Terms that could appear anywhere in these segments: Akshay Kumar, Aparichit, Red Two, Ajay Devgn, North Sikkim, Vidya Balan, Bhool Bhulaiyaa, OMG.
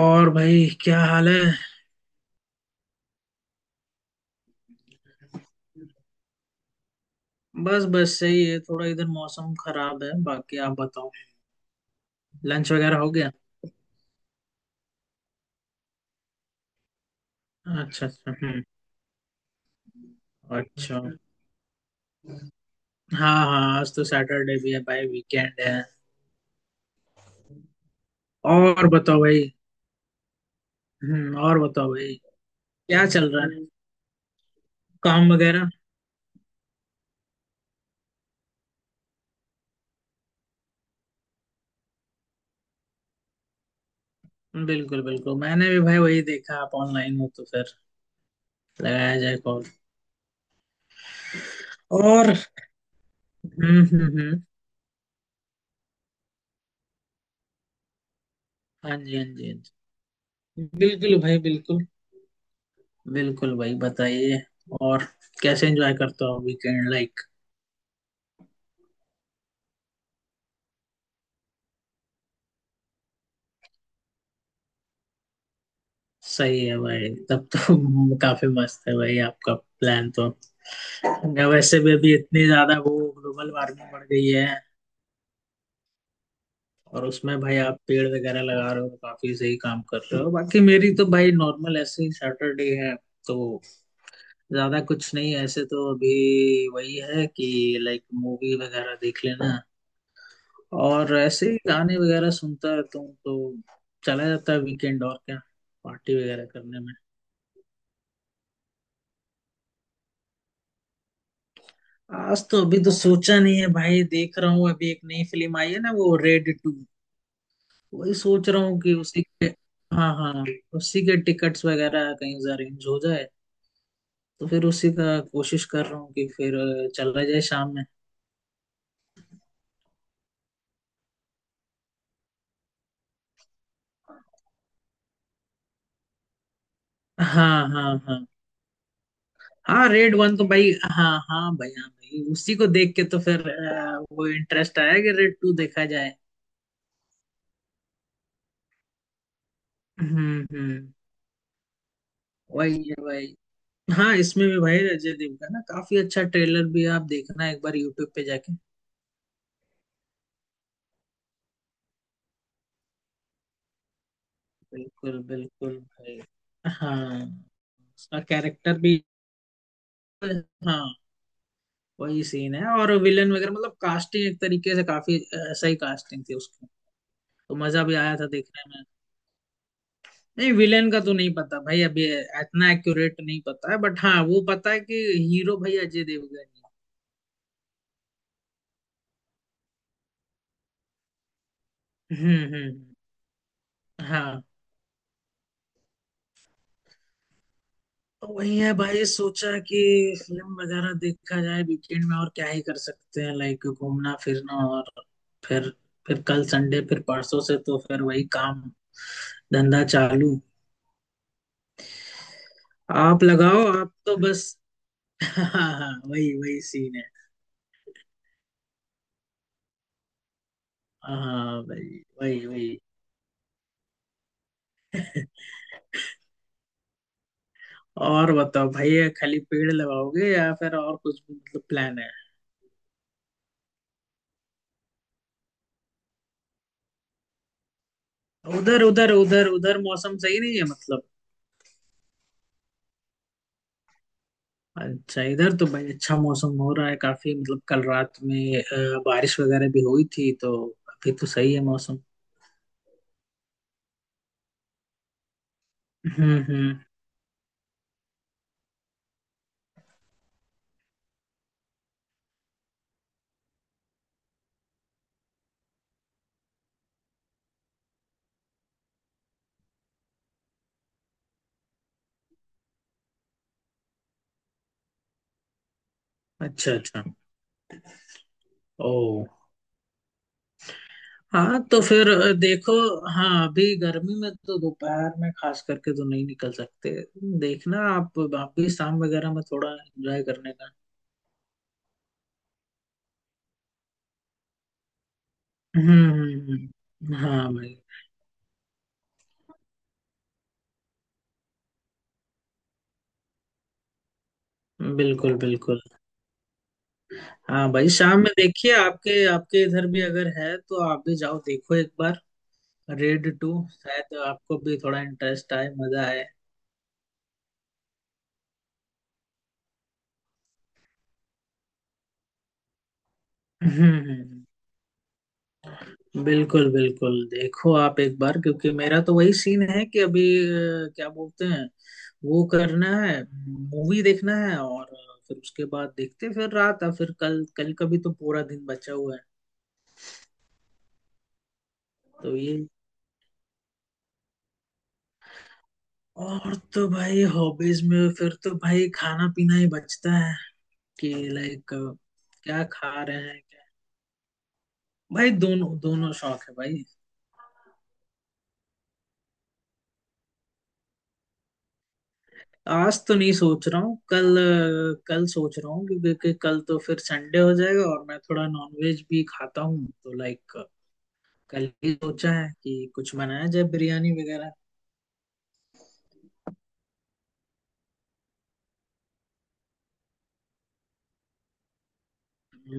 और भाई क्या हाल है। बस बस सही है, थोड़ा इधर मौसम खराब है, बाकी आप बताओ। लंच वगैरह हो गया? अच्छा अच्छा, हम्म। अच्छा। हाँ हाँ, आज तो सैटरडे भी है भाई, वीकेंड है। और बताओ भाई। हम्म, और बताओ भाई। क्या चल रहा है? काम वगैरह? बिल्कुल बिल्कुल, मैंने भी भाई वही देखा, आप ऑनलाइन हो तो फिर लगाया जाए कॉल। और। हम्म। हाँ जी, हाँ जी, हाँ जी। बिल्कुल भाई बिल्कुल। बिल्कुल भाई बताइए। और। कैसे एंजॉय करते हो वीकेंड, लाइक? सही है भाई, तब तो काफी मस्त है भाई आपका प्लान तो। मैं वैसे भी अभी इतनी ज्यादा वो ग्लोबल वार्मिंग बढ़ गई है, और उसमें भाई आप पेड़ वगैरह लगा रहे हो तो काफी सही काम कर रहे हो। बाकी मेरी तो भाई नॉर्मल ऐसे ही सैटरडे है तो ज्यादा कुछ नहीं है ऐसे तो, अभी वही है कि लाइक मूवी वगैरह देख लेना और ऐसे ही गाने वगैरह सुनता रहता हूँ, तो चला जाता है वीकेंड। और क्या, पार्टी वगैरह करने। आज तो अभी तो सोचा नहीं है भाई, देख रहा हूँ अभी एक नई फिल्म आई है ना, वो रेड टू। वही सोच रहा हूँ कि उसी के। हाँ हाँ। उसी के टिकट्स वगैरह कहीं से अरेंज हो जाए, तो फिर उसी का कोशिश कर रहा हूँ कि फिर चला जाए शाम में। हाँ हाँ हाँ हाँ, रेड वन तो भाई हाँ हाँ भाई हाँ भाई, उसी को देख के तो फिर वो इंटरेस्ट आया कि रेड टू देखा जाए। हम्म। वही है भाई। हाँ, इसमें भी भाई अजय देवगन ना काफी अच्छा ट्रेलर भी है, आप देखना एक बार यूट्यूब पे जाके। बिल्कुल बिल्कुल भाई। हाँ। उसका कैरेक्टर भी। हाँ। वही सीन है, और विलन वगैरह मतलब कास्टिंग एक तरीके से काफी सही कास्टिंग थी उसकी। तो मजा भी आया था देखने में। नहीं, विलेन का तो नहीं पता भाई अभी, इतना एक्यूरेट नहीं पता है, बट हाँ वो पता है कि हीरो भाई अजय देवगन है। हम्म हम्म हम्म, हाँ। तो वही है भाई, सोचा कि फिल्म वगैरह देखा जाए वीकेंड में। और क्या ही कर सकते हैं, लाइक घूमना फिरना और फिर फिर कल संडे, फिर परसों से तो फिर वही काम धंधा चालू। आप लगाओ आप तो बस। हाँ। हाँ वही वही सीन है। हाँ भाई वही वही। और बताओ भैया, खाली पेड़ लगाओगे या फिर और कुछ भी मतलब प्लान है? उधर उधर उधर उधर मौसम सही नहीं है मतलब? अच्छा, इधर तो भाई अच्छा मौसम हो रहा है काफी, मतलब कल रात में बारिश वगैरह भी हुई थी तो अभी तो सही है मौसम। हम्म। अच्छा अच्छा। ओ। हाँ तो फिर देखो, हाँ अभी गर्मी में तो दोपहर में खास करके तो नहीं निकल सकते। देखना, आप भी शाम वगैरह में थोड़ा एंजॉय करने का। हम्म हम्म, हाँ भाई। बिल्कुल बिल्कुल। हाँ भाई, शाम में देखिए आपके आपके इधर भी अगर है तो आप भी जाओ देखो एक बार। रेड टू शायद आपको भी थोड़ा इंटरेस्ट आए, मजा आए। हम्म, बिल्कुल बिल्कुल, देखो आप एक बार, क्योंकि मेरा तो वही सीन है कि अभी क्या बोलते हैं, वो करना है, मूवी देखना है और फिर उसके बाद देखते हैं फिर रात, और फिर कल कल का भी तो पूरा दिन बचा हुआ है। तो ये, और तो भाई हॉबीज में फिर तो भाई खाना पीना ही बचता है, कि लाइक क्या खा रहे हैं क्या। भाई दोनों दोनों शौक है भाई। आज तो नहीं सोच रहा हूँ, कल। कल सोच रहा हूँ क्योंकि कि कल तो फिर संडे हो जाएगा, और मैं थोड़ा नॉनवेज भी खाता हूँ तो लाइक कल ही सोचा है कि कुछ बनाया जाए, बिरयानी वगैरह।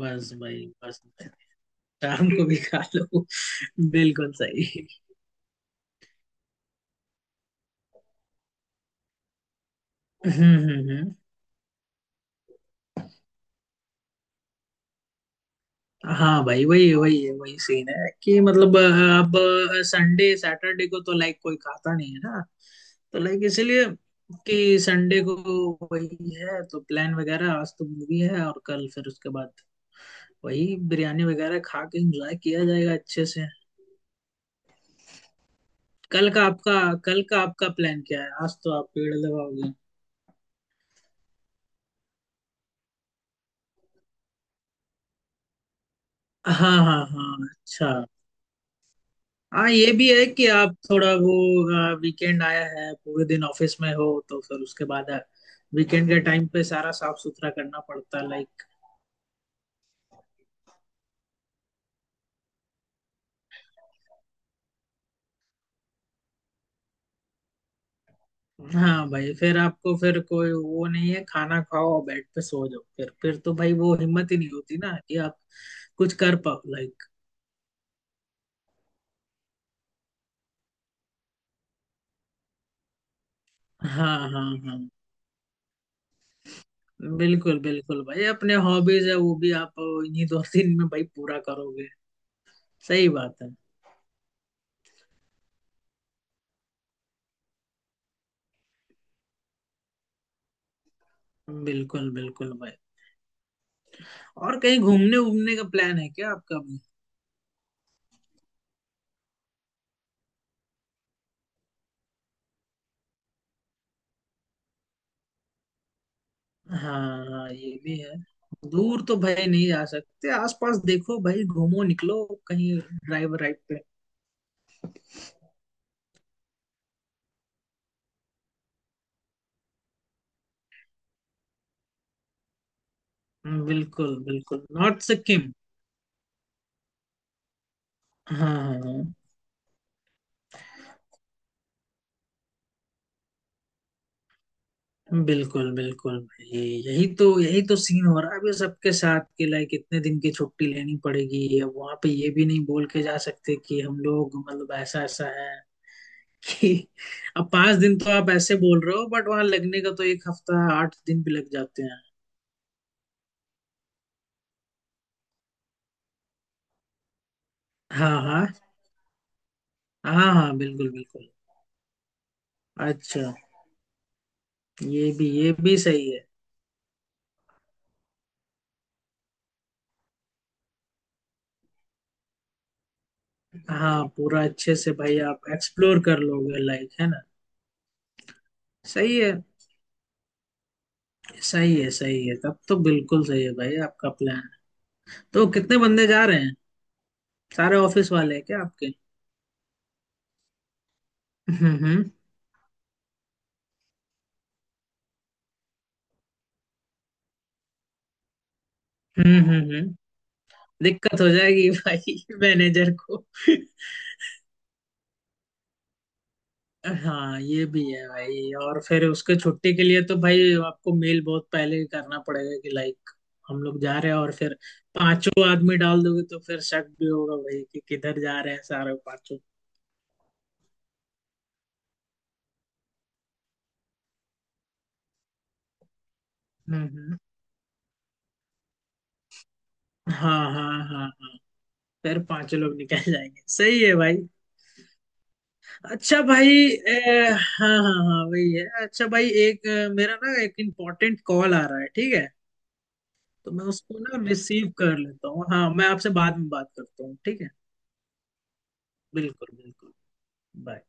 बस भाई बस। शाम को भी खा लो। बिल्कुल सही। हम्म हम्म हम्म। हाँ भाई, वही वही वही सीन है कि मतलब अब संडे सैटरडे को तो लाइक कोई खाता नहीं है ना, तो लाइक इसलिए, कि संडे को वही है तो प्लान वगैरह, आज तो मूवी है और कल फिर उसके बाद वही बिरयानी वगैरह खा के एंजॉय किया जाएगा अच्छे से। कल का आपका कल का आपका प्लान क्या है? आज तो आप पेड़ लगाओगे। हाँ हाँ हाँ, अच्छा। हाँ ये भी है कि आप थोड़ा वो वीकेंड आया है, पूरे दिन ऑफिस में हो तो फिर उसके बाद वीकेंड के टाइम पे सारा साफ सुथरा करना पड़ता है, लाइक। हाँ भाई, फिर आपको फिर कोई वो नहीं है, खाना खाओ और बेड पे सो जाओ, फिर तो भाई वो हिम्मत ही नहीं होती ना कि आप कुछ कर पाओ लाइक। हाँ हाँ हाँ, बिल्कुल बिल्कुल भाई, अपने हॉबीज है वो भी आप इन्हीं दो दिन में भाई पूरा करोगे। सही बात है। बिल्कुल बिल्कुल भाई। और कहीं घूमने घूमने का प्लान है क्या आपका? हाँ ये भी है। दूर तो भाई नहीं जा सकते, आसपास देखो भाई घूमो निकलो कहीं ड्राइव राइड पे। बिल्कुल बिल्कुल, नॉर्थ सिक्किम। हाँ हाँ हाँ। बिल्कुल बिल्कुल भाई, यही तो सीन हो रहा है अभी सबके साथ कि लाइक इतने दिन की छुट्टी लेनी पड़ेगी, अब वहां पे ये भी नहीं बोल के जा सकते कि हम लोग मतलब ऐसा ऐसा है कि अब 5 दिन तो आप ऐसे बोल रहे हो, बट वहां लगने का तो एक हफ्ता 8 दिन भी लग जाते हैं। हाँ हाँ हाँ हाँ, बिल्कुल बिल्कुल। अच्छा, ये भी सही है। हाँ पूरा अच्छे से भाई आप एक्सप्लोर कर लोगे लाइक, है ना। सही है सही है सही है, तब तो बिल्कुल सही है भाई आपका प्लान। तो कितने बंदे जा रहे हैं? सारे ऑफिस वाले हैं क्या आपके? हम्म हम्म हम्म हम्म हम्म। दिक्कत हो जाएगी भाई, मैनेजर को। हाँ ये भी है भाई, और फिर उसके छुट्टी के लिए तो भाई आपको मेल बहुत पहले ही करना पड़ेगा कि लाइक हम लोग जा रहे हैं, और फिर पांचों आदमी डाल दोगे तो फिर शक भी होगा भाई कि किधर जा रहे हैं सारे पांचों। हम्म हम्म। हाँ हाँ हाँ हाँ, फिर पांचों लोग निकल जाएंगे, सही है भाई। अच्छा भाई, ए, हाँ हाँ हाँ वही है, अच्छा भाई एक मेरा ना एक इम्पोर्टेंट कॉल आ रहा है, ठीक है? तो मैं उसको ना रिसीव कर लेता हूँ, हाँ मैं आपसे बाद में बात करता हूँ, ठीक है। बिल्कुल बिल्कुल। Bye.